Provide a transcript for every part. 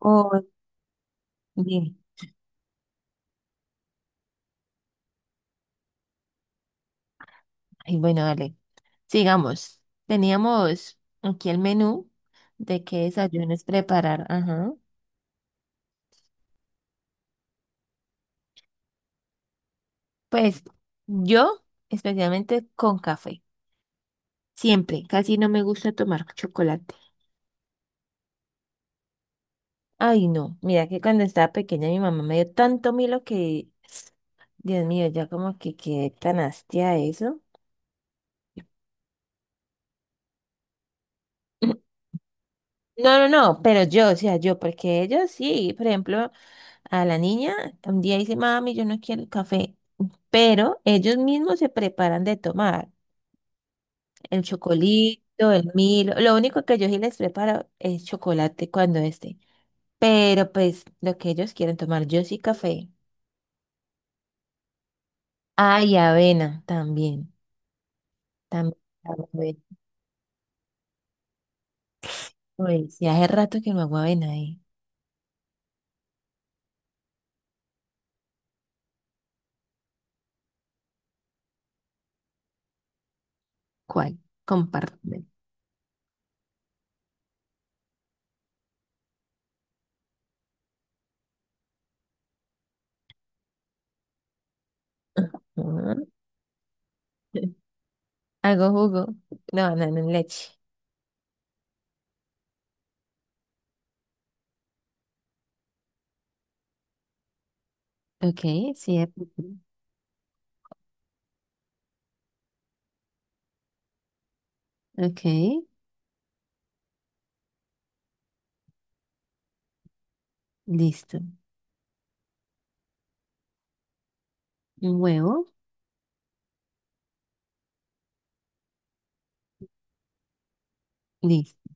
Oh, bien. Ay, bueno, dale. Sigamos. Teníamos aquí el menú de qué desayunos preparar. Ajá. Pues yo, especialmente con café. Siempre. Casi no me gusta tomar chocolate. Ay, no. Mira que cuando estaba pequeña mi mamá me dio tanto milo que, Dios mío, ya como que quedé tan hastia de eso. No, pero yo, o sea, yo, porque ellos sí, por ejemplo, a la niña un día dice, mami, yo no quiero el café, pero ellos mismos se preparan de tomar el chocolito, el Milo, lo único que yo sí les preparo es chocolate cuando esté, pero pues lo que ellos quieren tomar, yo sí café. Ah, y avena también, también hago avena. Uy, sí, hace rato que no hago avena, ¿eh? ¿Cuál? Compárteme. Ujú. Hago jugo, no, leche. Ok, sí, es posible. Ok, listo. Un huevo, listo.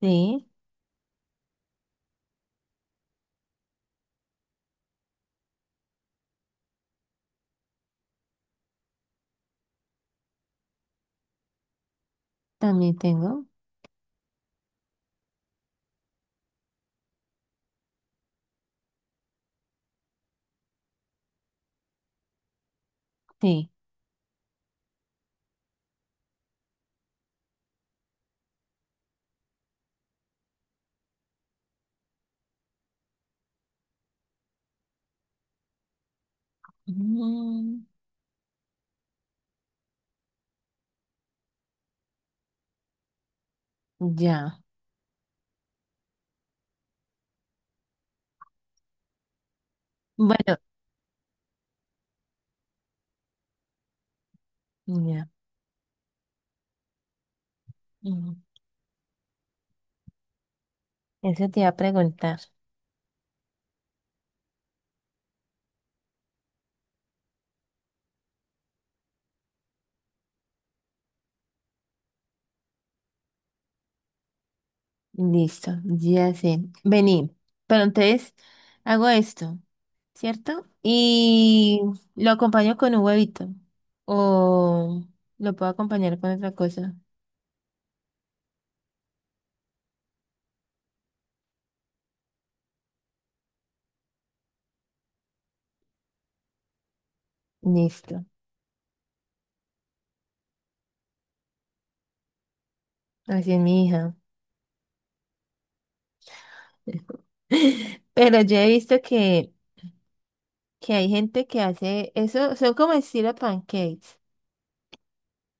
Sí, también tengo. Sí. Mm, ya. Bueno, ya. Mm. Eso te iba a preguntar. Listo, ya sé. Vení. Pero entonces hago esto, ¿cierto? Y lo acompaño con un huevito. O lo puedo acompañar con otra cosa. Listo. Así es mi hija. Pero yo he visto que hay gente que hace eso, son como estilo pancakes.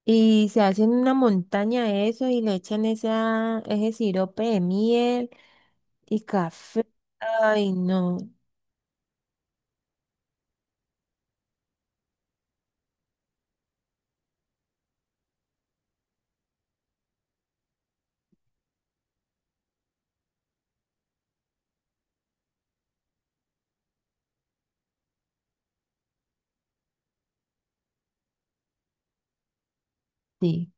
Y se hacen una montaña de eso y le echan esa, ese sirope de miel y café. Ay, no. Sí,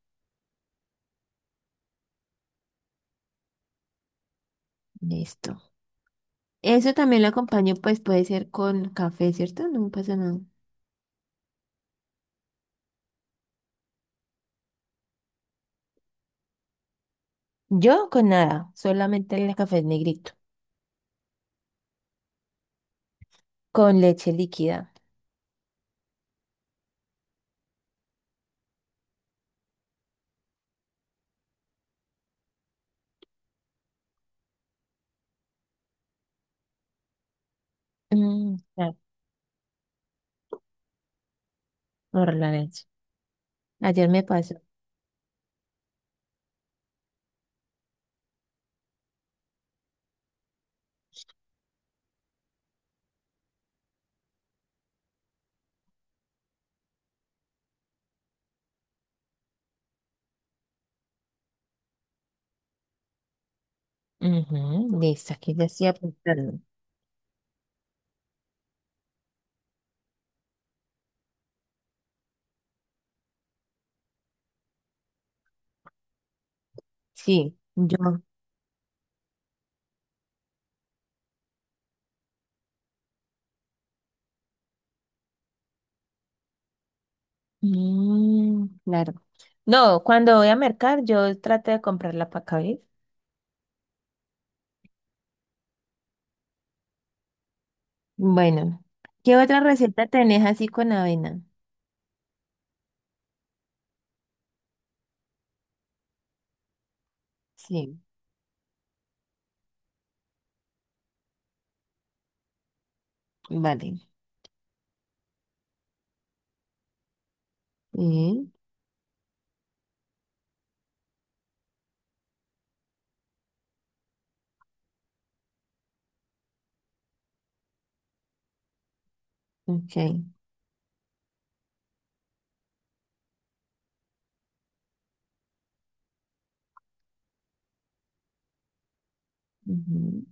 listo. Eso también lo acompaño, pues puede ser con café, ¿cierto? No me pasa nada. Yo con nada, solamente el café negrito, con leche líquida. Mm, ah, por la leche. Ayer me pasó. Ujú, listo, aquí ya estoy apuntando. Sí, yo. Mm, claro. No, cuando voy a mercar, yo trato de comprar la pacaví. Bueno, ¿qué otra receta tenés así con avena? Sí, vale. Sí, ok. Ujú,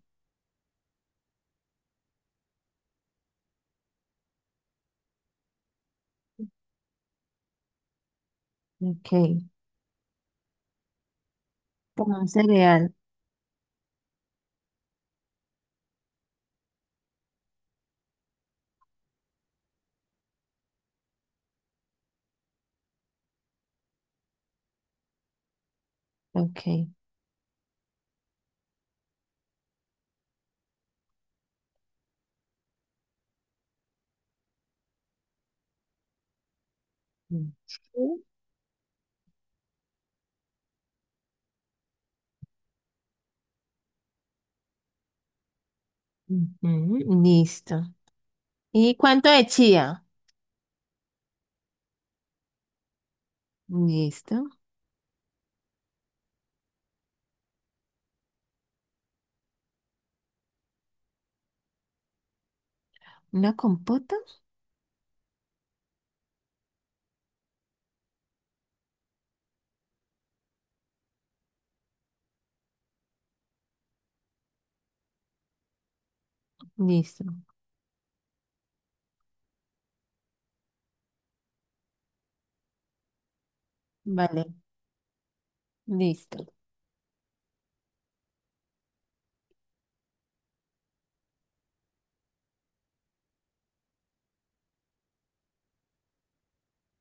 ok. Con un cereal. Ok. Ujú, ujú, listo. ¿Y cuánto de chía? Listo. ¿Una compota? Listo. Vale, listo.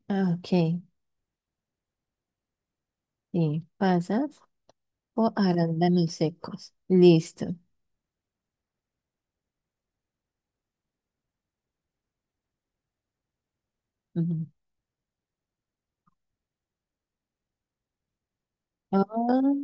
Ah, ok. Sí, pasas o arándanos secos. Listo. Ujú. Ah,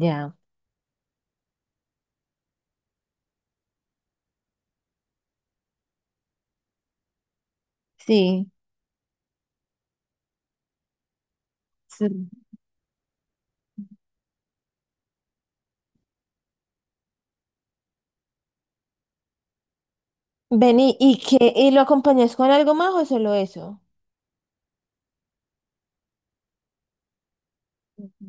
ya, sí. Sí. Vení, ¿y qué? ¿Y lo acompañas con algo más o solo eso? Ujú.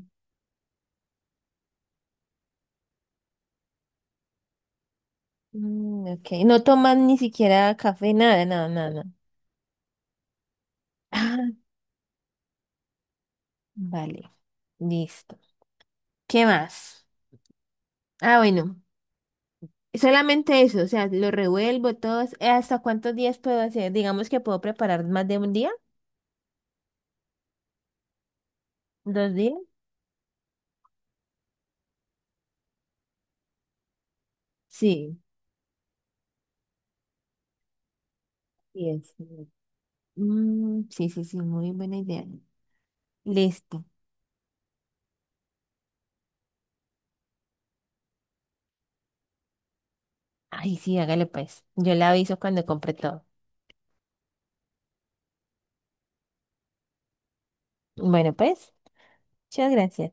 Mm, ok, no toman ni siquiera café, nada, nada, nada, nada. Ah, vale, listo. ¿Qué más? Ah, bueno, solamente eso, o sea, lo revuelvo todos. ¿Hasta cuántos días puedo hacer? Digamos que puedo preparar más de un día, dos días. Sí, diez. Mm, sí, sí, sí, muy buena idea. Listo. Ay, sí, hágale pues. Yo le aviso cuando compre todo. Bueno, pues, muchas gracias.